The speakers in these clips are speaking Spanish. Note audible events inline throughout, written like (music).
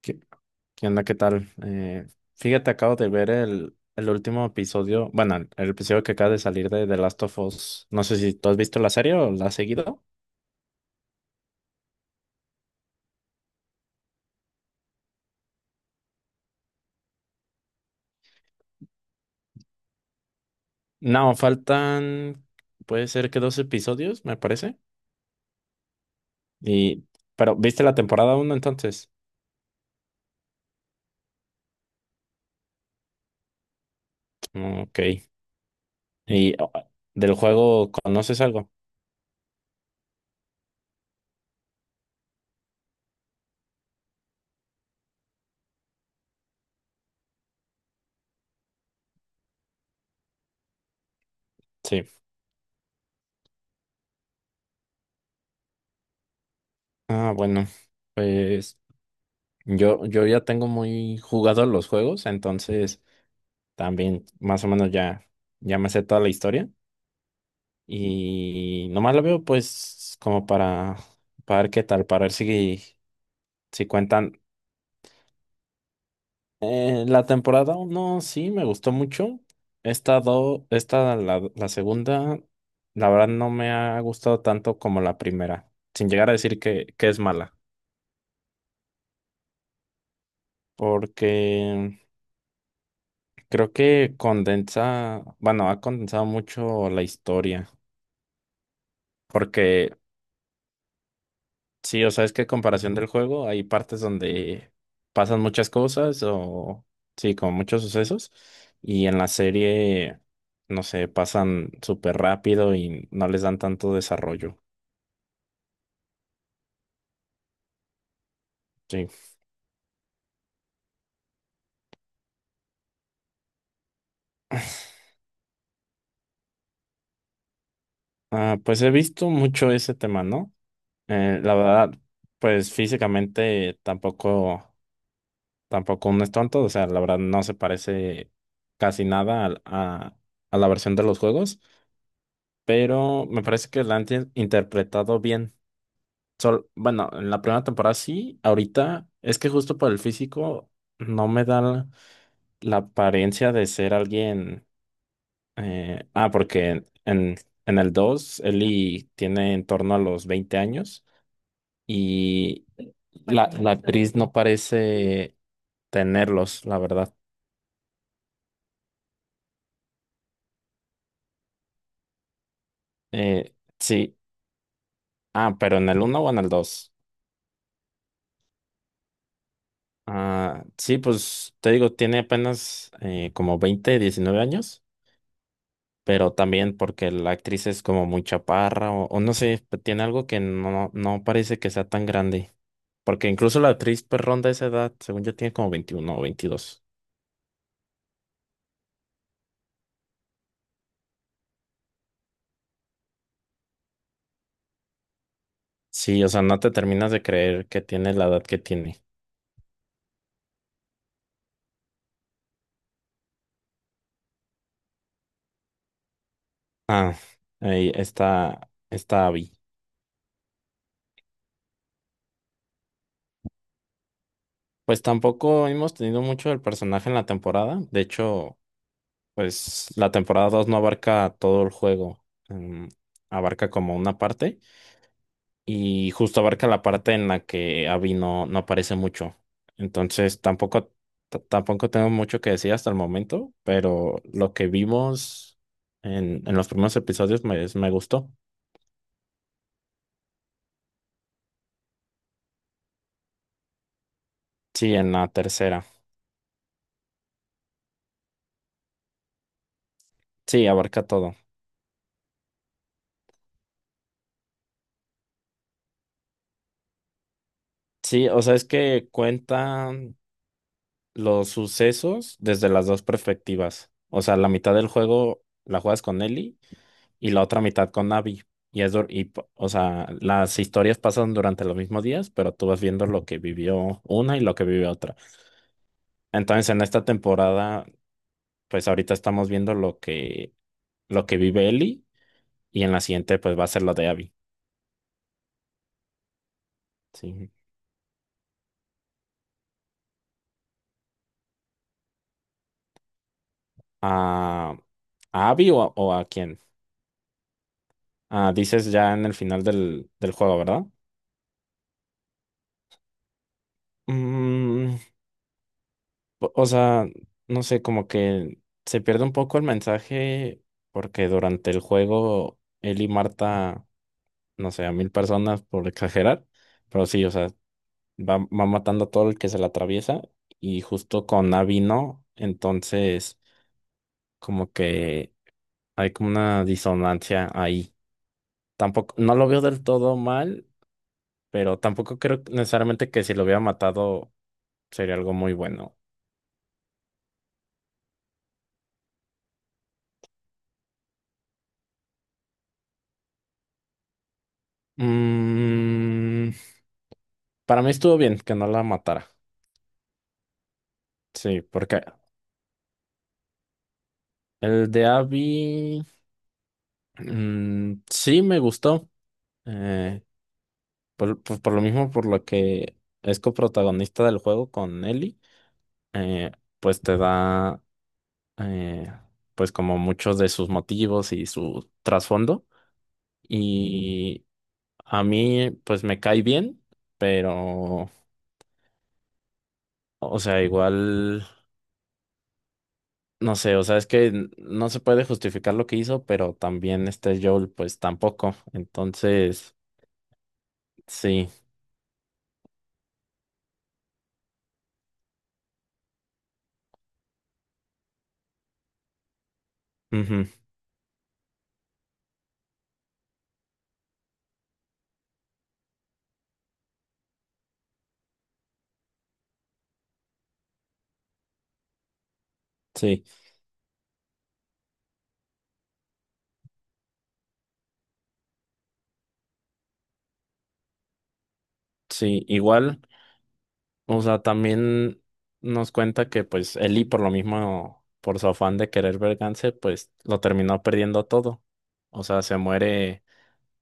¿Qué, qué onda? ¿Qué tal? Fíjate, acabo de ver el último episodio, bueno, el episodio que acaba de salir de The Last of Us. No sé si tú has visto la serie o la has seguido. No, faltan, puede ser que dos episodios, me parece. Y, pero, ¿viste la temporada uno entonces? Mm, Ok. ¿Y oh, del juego conoces algo? Sí. Ah, bueno, pues yo ya tengo muy jugado los juegos, entonces también más o menos ya, ya me sé toda la historia. Y nomás lo veo pues como para ver qué tal, para ver si, si cuentan. La temporada uno sí me gustó mucho. Esta, esta la, la segunda, la verdad no me ha gustado tanto como la primera, sin llegar a decir que es mala, porque creo que condensa, bueno, ha condensado mucho la historia, porque sí, o sea, es que a comparación del juego hay partes donde pasan muchas cosas o sí, como muchos sucesos y en la serie, no sé, pasan súper rápido y no les dan tanto desarrollo. Sí. Ah, pues he visto mucho ese tema, ¿no? La verdad, pues físicamente tampoco, tampoco uno es tonto, o sea, la verdad no se parece casi nada a la versión de los juegos, pero me parece que la han interpretado bien. Sol, bueno, en la primera temporada sí, ahorita es que justo por el físico no me da la, la apariencia de ser alguien. Porque el 2 Ellie tiene en torno a los 20 años y la actriz no parece tenerlos, la verdad. Eh, sí, pero en el uno o en el dos. Ah, sí, pues te digo, tiene apenas como 20 19 años. Pero también porque la actriz es como muy chaparra o no sé, tiene algo que no, no parece que sea tan grande. Porque incluso la actriz pues ronda esa edad, según yo tiene como 21 o 22. Sí, o sea, no te terminas de creer que tiene la edad que tiene. Ah, ahí está, está Abby. Pues tampoco hemos tenido mucho del personaje en la temporada. De hecho, pues la temporada 2 no abarca todo el juego. Mm, abarca como una parte. Y justo abarca la parte en la que Abby no, no aparece mucho. Entonces tampoco, tampoco tengo mucho que decir hasta el momento, pero lo que vimos en los primeros episodios me, me gustó. Sí, en la tercera. Sí, abarca todo. Sí, o sea, es que cuentan los sucesos desde las dos perspectivas. O sea, la mitad del juego la juegas con Ellie y la otra mitad con Abby. Y es, o sea, las historias pasan durante los mismos días, pero tú vas viendo lo que vivió una y lo que vivió otra. Entonces, en esta temporada, pues ahorita estamos viendo lo que vive Ellie y en la siguiente, pues va a ser lo de Abby. Sí. ¿A, a Abby o a quién? Ah, dices ya en el final del, del juego, ¿verdad? Mm, o sea, no sé, como que se pierde un poco el mensaje porque durante el juego él y Marta, no sé, a 1000 personas por exagerar, pero sí, o sea, va, va matando a todo el que se le atraviesa y justo con Abby no, entonces como que hay como una disonancia ahí. Tampoco, no lo veo del todo mal, pero tampoco creo necesariamente que si lo hubiera matado sería algo muy bueno. Mmm... Para mí estuvo bien que no la matara. Sí, porque el de Abby mm, sí me gustó. eh, por, por lo mismo, por lo que es coprotagonista del juego con Ellie, eh, pues te da eh, pues como muchos de sus motivos y su trasfondo. Y a mí pues me cae bien, pero o sea, igual no sé, o sea, es que no se puede justificar lo que hizo, pero también este Joel, pues tampoco. Entonces, sí, ujú, sí, sí, igual, o sea, también nos cuenta que pues Ellie por lo mismo, por su afán de querer vengarse, pues lo terminó perdiendo todo. O sea,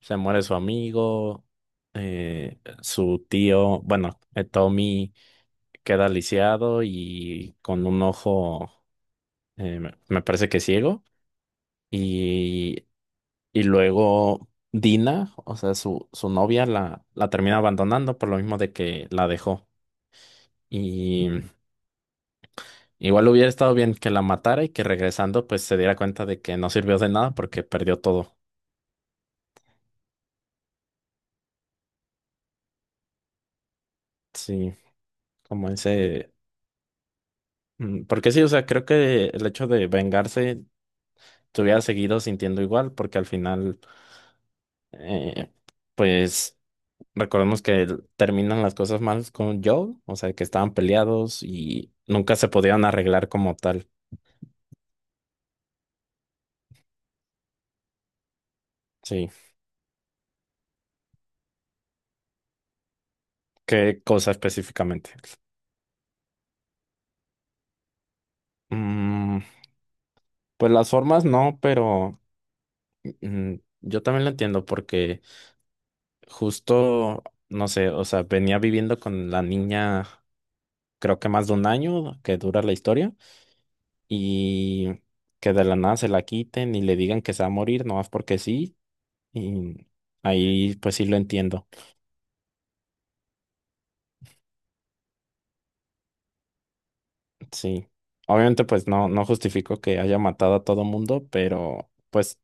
se muere su amigo, su tío, bueno, Tommy queda lisiado y con un ojo, me parece que ciego. Y, y luego Dina, o sea, su novia la, la termina abandonando por lo mismo de que la dejó. Y igual hubiera estado bien que la matara y que regresando pues se diera cuenta de que no sirvió de nada porque perdió todo. Sí, como ese... mm, porque sí, o sea, creo que el hecho de vengarse te hubiera seguido sintiendo igual porque al final, eh, pues... Recordemos que terminan las cosas mal con Joel, o sea, que estaban peleados y nunca se podían arreglar como tal. Sí, ¿qué cosa específicamente? Mm, pues las formas no, pero mm, yo también lo entiendo porque justo, no sé, o sea, venía viviendo con la niña creo que más de un año que dura la historia y que de la nada se la quiten y le digan que se va a morir, no más porque sí, y ahí pues sí lo entiendo. Sí, obviamente pues no, no justifico que haya matado a todo mundo, pero pues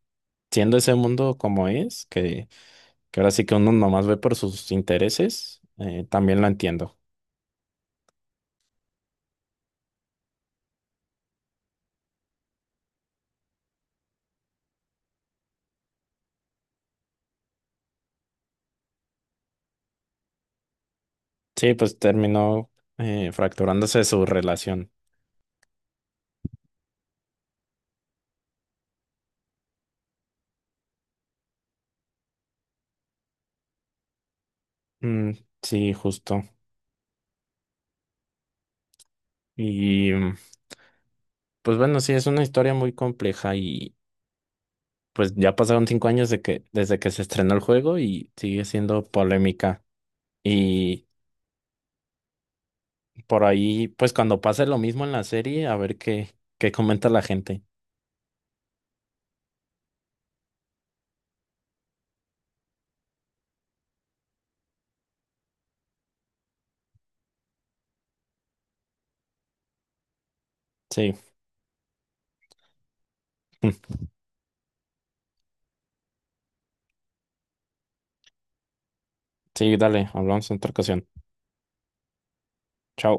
siendo ese mundo como es, que ahora sí que uno nomás ve por sus intereses, también lo entiendo. Sí, pues terminó fracturándose su relación. Mm, sí, justo. Y mm, pues bueno, sí, es una historia muy compleja y pues ya pasaron 5 años de que, desde que se estrenó el juego y sigue siendo polémica. Y por ahí, pues cuando pase lo mismo en la serie, a ver qué, qué comenta la gente. Sí, (laughs) sí, dale, hablamos en otra ocasión. Chao.